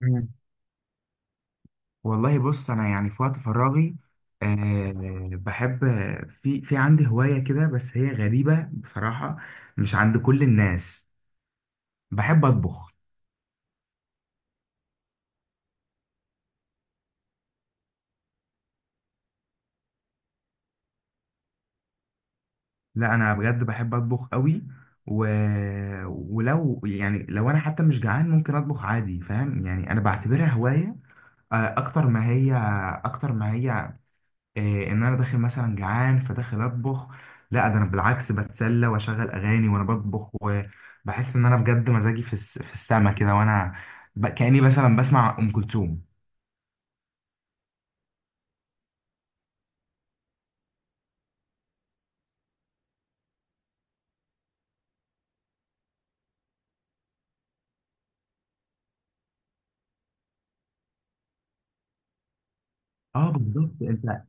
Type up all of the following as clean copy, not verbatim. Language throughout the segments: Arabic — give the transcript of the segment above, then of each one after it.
مم. والله بص انا يعني في وقت فراغي بحب. في عندي هواية كده، بس هي غريبة بصراحة، مش عند كل الناس. بحب اطبخ. لا انا بجد بحب اطبخ قوي. و... ولو يعني لو انا حتى مش جعان ممكن اطبخ عادي، فاهم يعني؟ انا بعتبرها هواية. آه، اكتر ما هي اكتر ما هي إيه؟ ان انا داخل مثلا جعان فداخل اطبخ، لا. ده انا بالعكس بتسلى واشغل اغاني وانا بطبخ، وبحس ان انا بجد مزاجي في السما كده، وانا كاني مثلا بسمع ام كلثوم. اه بالظبط. انت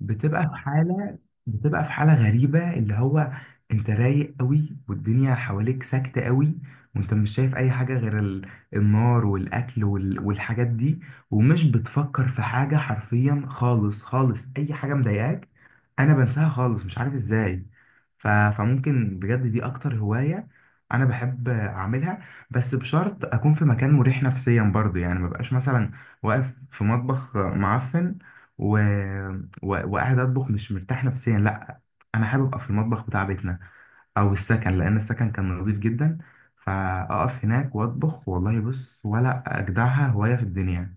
بتبقى في حالة بتبقى في حالة غريبة، اللي هو انت رايق قوي والدنيا حواليك ساكتة قوي، وانت مش شايف اي حاجة غير النار والاكل والحاجات دي، ومش بتفكر في حاجة حرفيا خالص، خالص اي حاجة مضايقاك انا بنساها خالص، مش عارف ازاي. فممكن بجد دي اكتر هواية انا بحب اعملها. بس بشرط اكون في مكان مريح نفسيا برضه، يعني مبقاش مثلا واقف في مطبخ معفن و... وقاعد اطبخ مش مرتاح نفسيا، لا. انا حابب ابقى في المطبخ بتاع بيتنا او السكن، لان السكن كان نظيف جدا. فاقف هناك واطبخ، والله بص ولا اجدعها هوايه في الدنيا.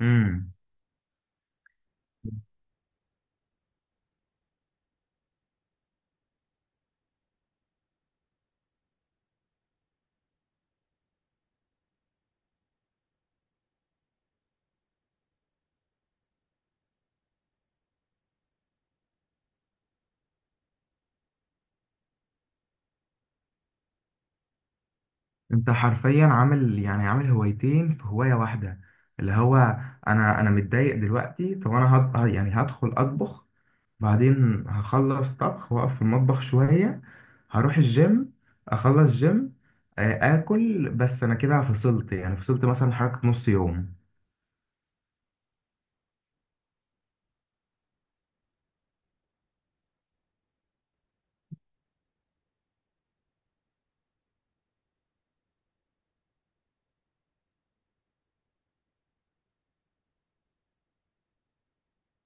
امم انت حرفيا عامل يعني عامل هوايتين في هوايه واحده، اللي هو انا متضايق دلوقتي، طب انا يعني هدخل اطبخ، بعدين هخلص طبخ واقف في المطبخ شوية، هروح الجيم، اخلص جيم، اكل. بس انا كده فصلت، يعني فصلت مثلا حركة نص يوم.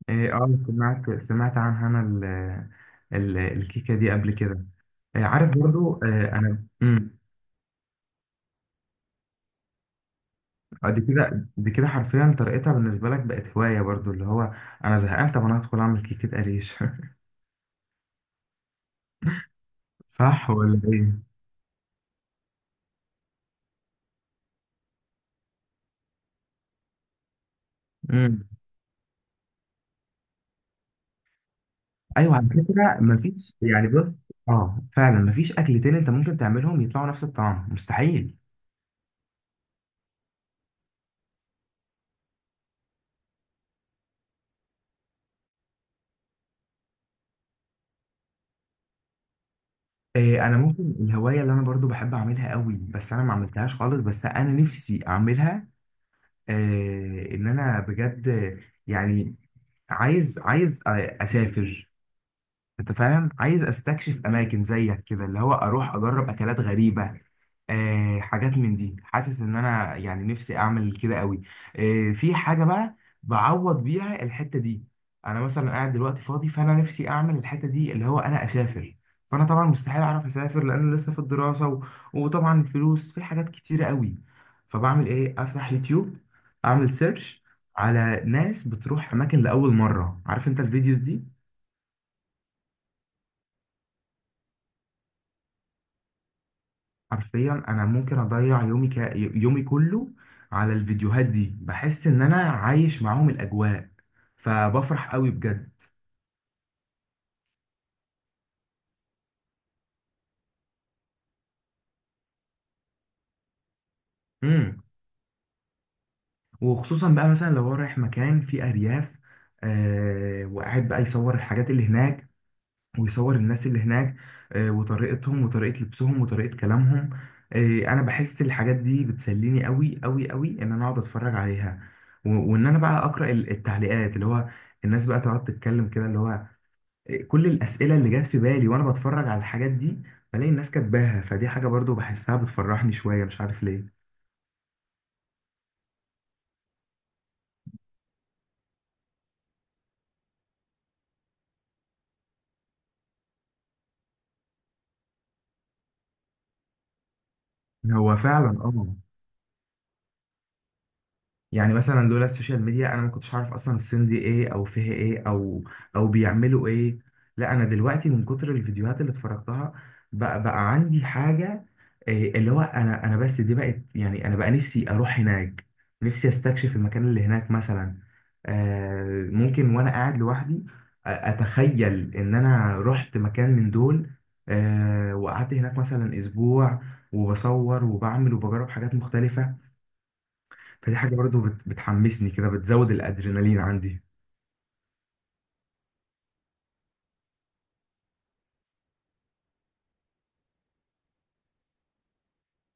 اه سمعت عنها انا ال ال الكيكة دي قبل كده. عارف برضو. آه، انا دي كده حرفيا طريقتها بالنسبة لك بقت هواية برضو، اللي هو انا زهقان، طب انا هدخل اعمل كيكة قريش صح ولا ايه؟ مم. ايوه على فكره، مفيش يعني بص، اه فعلا مفيش اكلتين انت ممكن تعملهم يطلعوا نفس الطعم، مستحيل. إيه، انا ممكن الهوايه اللي انا برضو بحب اعملها قوي، بس انا ما عملتهاش خالص، بس انا نفسي اعملها، إيه ان انا بجد يعني عايز اسافر. انت فاهم؟ عايز استكشف اماكن زيك كده، اللي هو اروح اجرب اكلات غريبه، آه حاجات من دي. حاسس ان انا يعني نفسي اعمل كده قوي. آه، في حاجه بقى بعوض بيها الحته دي. انا مثلا قاعد دلوقتي فاضي، فانا نفسي اعمل الحته دي اللي هو انا اسافر، فانا طبعا مستحيل اعرف اسافر لان لسه في الدراسه وطبعا الفلوس في حاجات كتيره قوي. فبعمل ايه؟ افتح يوتيوب، اعمل سيرش على ناس بتروح اماكن لاول مره، عارف انت الفيديوز دي. حرفيا انا ممكن اضيع يومي، يومي كله على الفيديوهات دي. بحس ان انا عايش معاهم الاجواء، فبفرح قوي بجد. امم وخصوصا بقى مثلا لو هو رايح مكان فيه ارياف، آه، وقاعد بقى يصور الحاجات اللي هناك، ويصور الناس اللي هناك، آه، وطريقتهم وطريقة لبسهم وطريقة كلامهم. آه، انا بحس الحاجات دي بتسليني قوي قوي قوي، ان انا اقعد اتفرج عليها، وان انا بقى اقرا التعليقات، اللي هو الناس بقى تقعد تتكلم كده، اللي هو كل الأسئلة اللي جات في بالي وأنا بتفرج على الحاجات دي، بلاقي الناس كاتباها. فدي حاجة برضو بحسها بتفرحني شوية، مش عارف ليه. هو فعلا اه. يعني مثلا لولا السوشيال ميديا انا ما كنتش عارف اصلا الصين دي ايه، او فيها ايه، او بيعملوا ايه. لا انا دلوقتي من كتر الفيديوهات اللي اتفرجتها بقى، عندي حاجة، إيه اللي هو انا بس دي بقت، يعني انا بقى نفسي اروح هناك، نفسي استكشف المكان اللي هناك مثلا. آه، ممكن وانا قاعد لوحدي اتخيل ان انا رحت مكان من دول، آه، وقعدت هناك مثلا اسبوع، وبصور وبعمل وبجرب حاجات مختلفة. فدي حاجة برضو بتحمسني كده، بتزود الأدرينالين عندي.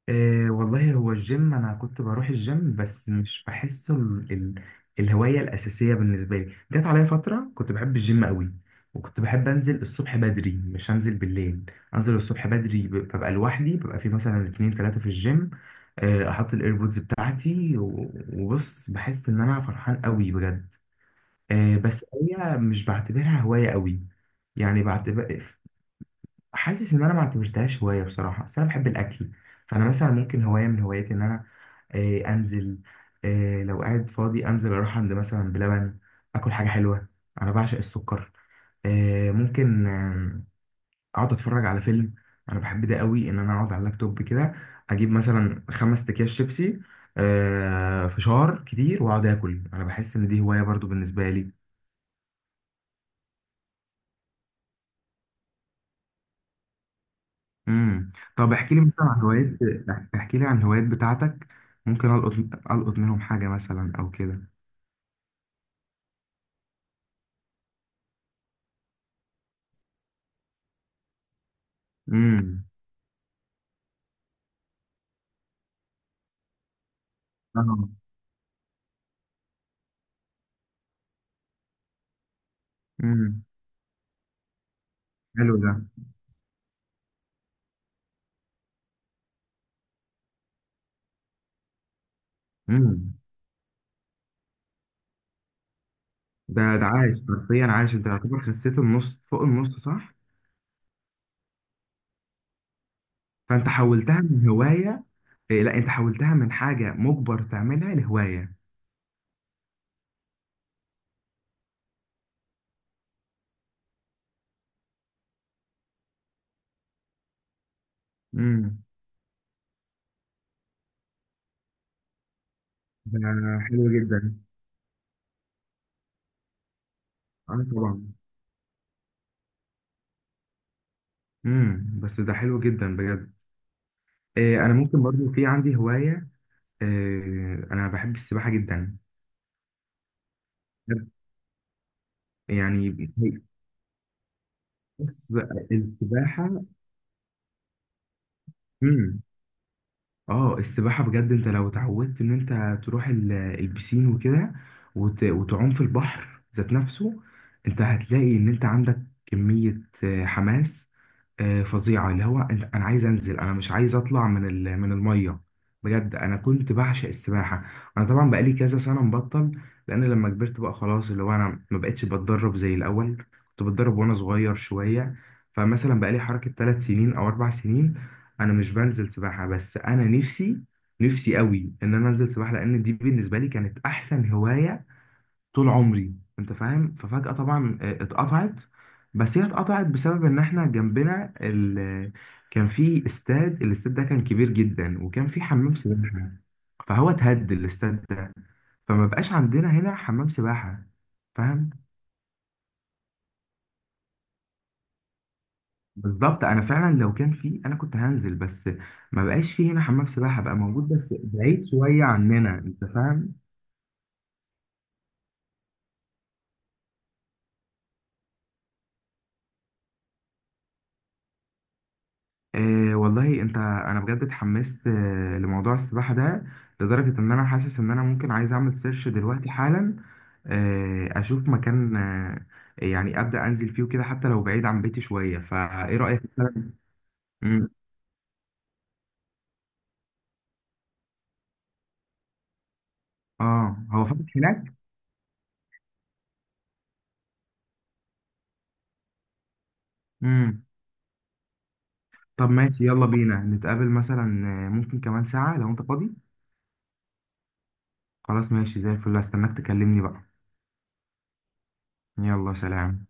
إيه والله هو الجيم، أنا كنت بروح الجيم بس مش بحسه الهواية الأساسية بالنسبة لي. جت عليا فترة كنت بحب الجيم قوي، وكنت بحب أنزل الصبح بدري، مش أنزل بالليل. أنزل الصبح بدري، ببقى لوحدي، ببقى في مثلا اتنين تلاتة في الجيم. آه، أحط الإيربودز بتاعتي وبص، بحس إن أنا فرحان قوي بجد. آه، بس هي مش بعتبرها هواية قوي، يعني بعتبر، حاسس ان انا ما اعتبرتهاش هوايه بصراحه، بس انا بحب الاكل. فانا مثلا ممكن هوايه من هواياتي ان انا، انزل، لو قاعد فاضي انزل اروح عند مثلا بلبن، اكل حاجه حلوه، انا بعشق السكر. آه، ممكن آه، اقعد اتفرج على فيلم. انا بحب ده قوي، ان انا اقعد على اللابتوب كده، اجيب مثلا 5 اكياس شيبسي، فشار كتير، واقعد اكل. انا بحس ان دي هوايه برضو بالنسبه لي. امم طب احكي لي مثلا عن هوايات، احكي لي عن الهوايات بتاعتك. ممكن القط، منهم حاجه مثلا او كده. امم. اه. امم. حلو ده. امم. ده عايش حرفيا، عايش انت يعتبر خسيت النص، فوق النص صح؟ فانت حولتها من هوايه، إيه لا انت حولتها من حاجه مجبر تعملها لهوايه. امم. ده حلو جدا. اه طبعا. امم، بس ده حلو جدا بجد. إيه، انا ممكن برضو في عندي هوايه، إيه، انا بحب السباحه جدا يعني. هي- بص، السباحة، مم. اه، السباحة بجد، انت لو اتعودت ان انت تروح البسين وكده، وتعوم في البحر ذات نفسه، انت هتلاقي ان انت عندك كمية حماس فظيعة، اللي هو انا عايز انزل، انا مش عايز اطلع من المية. بجد انا كنت بعشق السباحة. انا طبعا بقالي كذا سنة مبطل، لان لما كبرت بقى خلاص، اللي هو انا ما بقتش بتدرب زي الاول. كنت بتدرب وانا صغير شوية. فمثلا بقالي حركة 3 سنين او 4 سنين انا مش بنزل سباحه، بس انا نفسي قوي ان انا انزل سباحه، لان دي بالنسبه لي كانت احسن هوايه طول عمري. انت فاهم؟ ففجاه طبعا اتقطعت. بس هي اتقطعت بسبب ان احنا جنبنا كان في استاد، الاستاد ده كان كبير جدا وكان في حمام سباحه، فهو اتهد الاستاد ده، فما بقاش عندنا هنا حمام سباحه. فاهم؟ بالظبط. انا فعلا لو كان في انا كنت هنزل، بس ما بقاش في هنا حمام سباحه بقى موجود، بس بعيد شويه عننا، انت فاهم. آه والله انت، انا بجد اتحمست آه لموضوع السباحه ده، لدرجه ان انا حاسس ان انا ممكن عايز اعمل سيرش دلوقتي حالا، آه اشوف مكان، آه يعني ابدا انزل فيه وكده، حتى لو بعيد عن بيتي شويه. فايه رايك مثلا؟ مم. اه هو فاتح هناك. امم. طب ماشي، يلا بينا نتقابل مثلا، آه، ممكن كمان ساعه لو انت فاضي. خلاص ماشي زي الفل، هستناك تكلمني بقى. يلا سلام.